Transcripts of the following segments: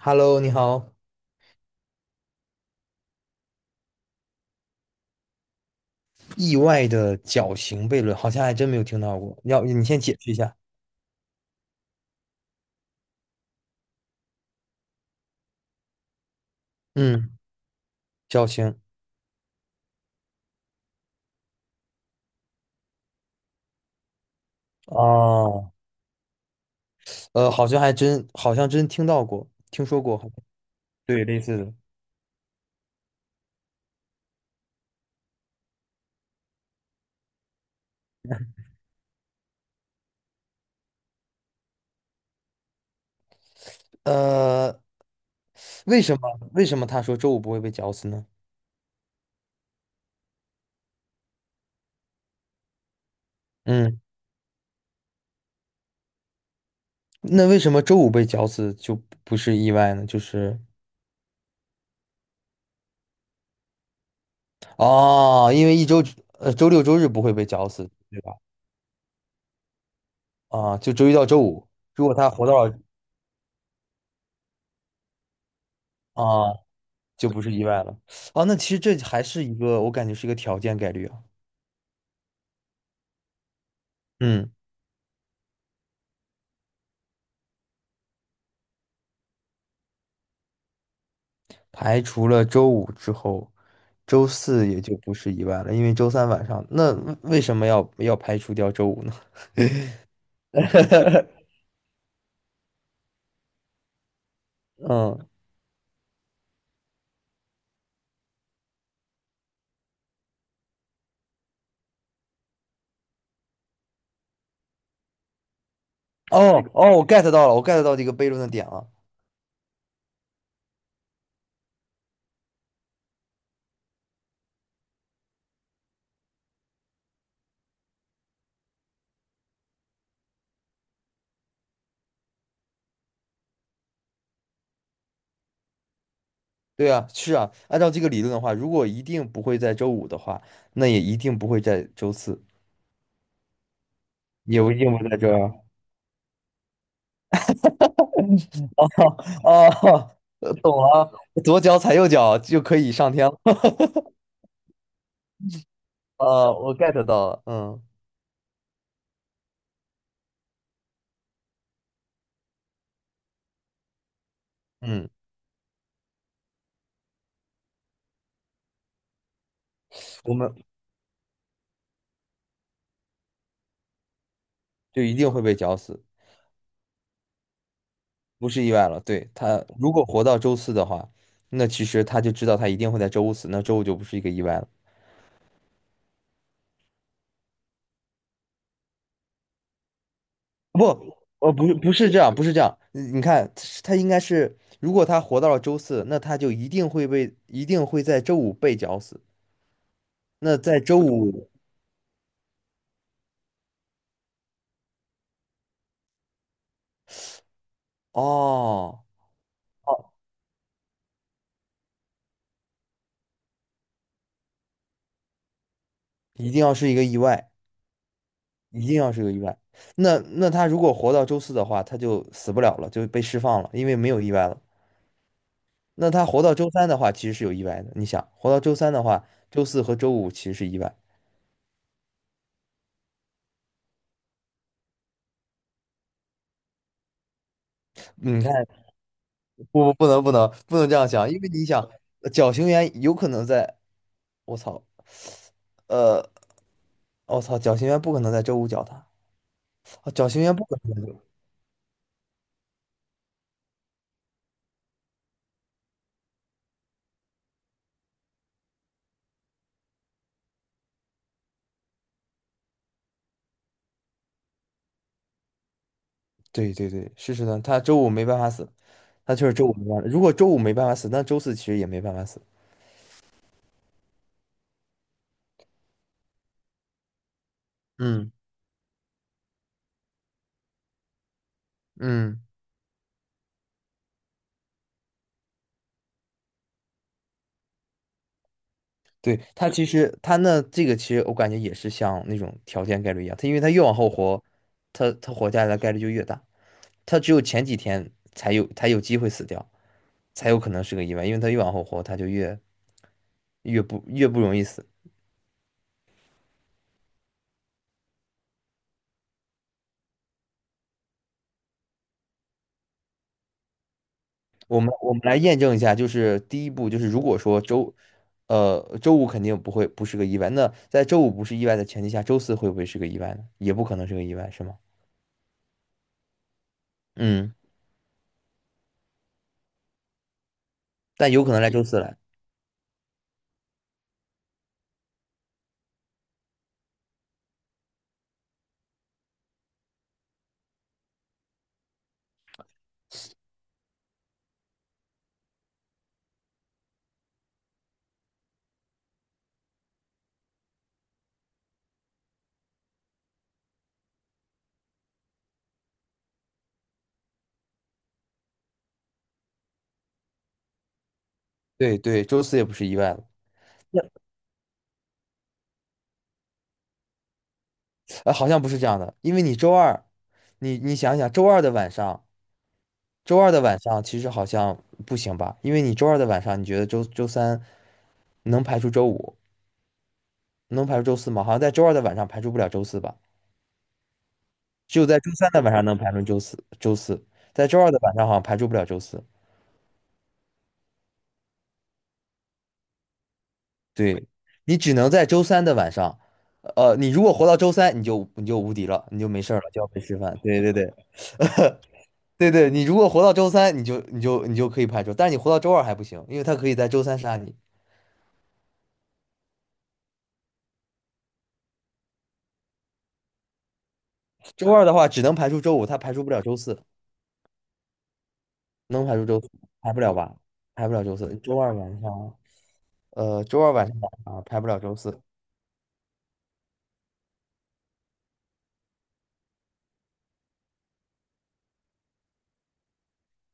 Hello，你好。意外的绞刑悖论，好像还真没有听到过。要你先解释一下。嗯，绞刑。哦，好像还真，好像真听到过，听说过。对，类似的。呃，为什么他说周五不会被绞死呢？嗯，那为什么周五被绞死就不是意外呢？就是哦，因为一周周六周日不会被绞死，对吧？啊，就周一到周五，如果他活到了啊。就不是意外了。哦，那其实这还是一个，我感觉是一个条件概率啊。嗯，排除了周五之后，周四也就不是意外了，因为周三晚上，那为什么要排除掉周五呢？嗯，哦哦，我 get 到了，我 get 到这个悖论的点了。对啊，是啊，按照这个理论的话，如果一定不会在周五的话，那也一定不会在周四，也不一定不会在周二。哦，懂了，左脚踩右脚就可以上天了。我 get 到了，嗯嗯，我们就一定会被绞死，不是意外了。对，他如果活到周四的话，那其实他就知道他一定会在周五死，那周五就不是一个意外了。不，不是，不是这样，不是这样。你看，他应该是，如果他活到了周四，那他就一定会被，一定会在周五被绞死。那在周五，哦，一定要是一个意外，一定要是个意外。那那他如果活到周四的话，他就死不了了，就被释放了，因为没有意外了。那他活到周三的话，其实是有意外的。你想，活到周三的话，周四和周五其实是意外。你看，不不能这样想，因为你想，绞刑员有可能在，我操，呃，我操，绞刑员不可能在周五绞他，啊绞刑员不可能在周五，对对对，是是的，他周五没办法死，他就是周五没办法。如果周五没办法死，那周四其实也没办法死。嗯嗯。对，他这个其实我感觉也是像那种条件概率一样，他因为他越往后活，他活下来的概率就越大，他只有前几天才有机会死掉，才有可能是个意外，因为他越往后活，他就越越不越不容易死。我们来验证一下，就是第一步就是如果说周周五肯定不是个意外，那在周五不是意外的前提下，周四会不会是个意外呢？也不可能是个意外，是吗？嗯，但有可能来周四来。对对，周四也不是意外了。呃，好像不是这样的，因为你周二，你你想想，周二的晚上，周二的晚上其实好像不行吧？因为你周二的晚上，你觉得周三能排除周五，能排除周四吗？好像在周二的晚上排除不了周四吧？只有在周三的晚上能排除周四，周四，在周二的晚上好像排除不了周四。对，你只能在周三的晚上，你如果活到周三，你就无敌了，你就没事儿了，就要被吃饭。对对对，对对，你如果活到周三，你就可以排除，但是你活到周二还不行，因为他可以在周三杀你。周二的话只能排除周五，他排除不了周四，能排除周四，排不了吧？排不了周四，周二晚上，周二晚上啊，排不了周四。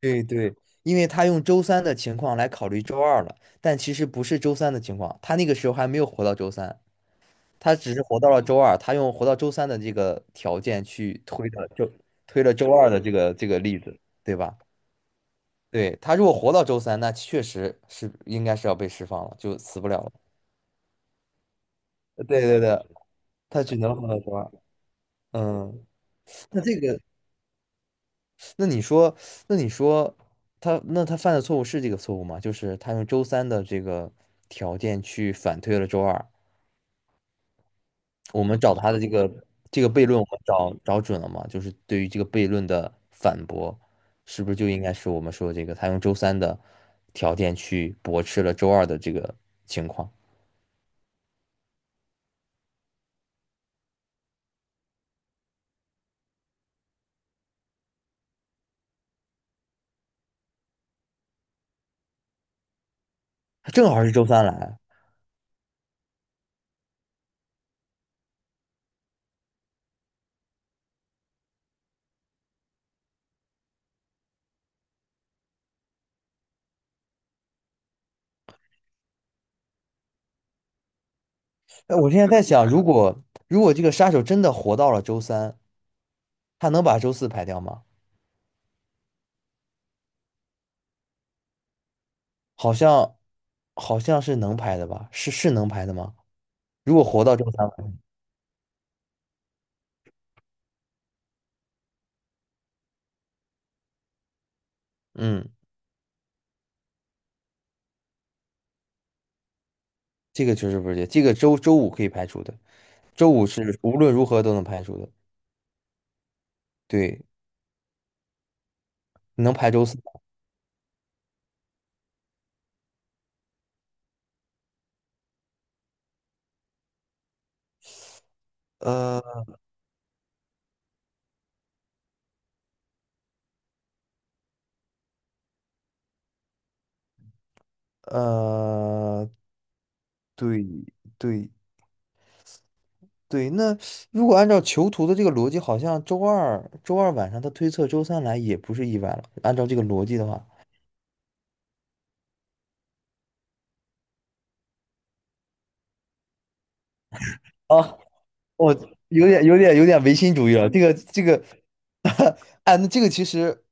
对对，因为他用周三的情况来考虑周二了，但其实不是周三的情况，他那个时候还没有活到周三，他只是活到了周二，他用活到周三的这个条件去推的就推了周二的这个例子，对吧？对，他如果活到周三，那确实是应该是要被释放了，就死不了了。对对对 他只能活到周二。嗯，那这个，那你说，那你说他，那他犯的错误是这个错误吗？就是他用周三的这个条件去反推了周二。我们找他的这个悖论，我们找准了吗？就是对于这个悖论的反驳，是不是就应该是我们说这个他用周三的条件去驳斥了周二的这个情况？正好是周三来。哎，我现在在想，如果这个杀手真的活到了周三，他能把周四排掉吗？好像好像是能排的吧？是是能排的吗？如果活到周三晚上嗯，这个确实不是，这个周五可以排除的，周五是无论如何都能排除的。对，能排周四呃呃，对对，对，那如果按照囚徒的这个逻辑，好像周二晚上他推测周三来也不是意外了。按照这个逻辑的话，啊，我有点有点唯心主义了。这个这个，哎，那这个其实，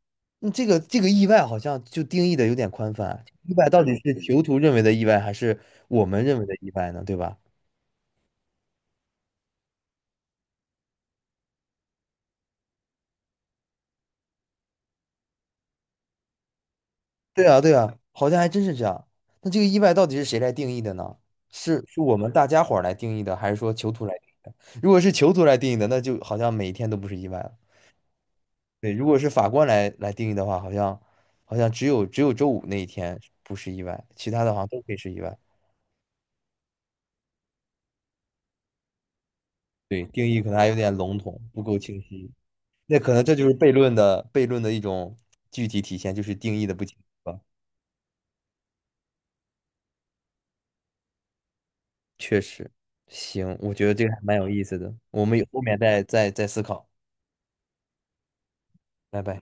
嗯这个这个意外好像就定义的有点宽泛。意外到底是囚徒认为的意外，还是我们认为的意外呢？对吧？对啊，对啊，好像还真是这样。那这个意外到底是谁来定义的呢？是我们大家伙儿来定义的，还是说囚徒来？如果是囚徒来定义的，那就好像每一天都不是意外了。对，如果是法官来定义的话，好像只有周五那一天不是意外，其他的好像都可以是意外。对，定义可能还有点笼统，不够清晰。那可能这就是悖论的一种具体体现，就是定义的不清晰吧。确实，行，我觉得这个还蛮有意思的，我们有后面再再思考。拜拜。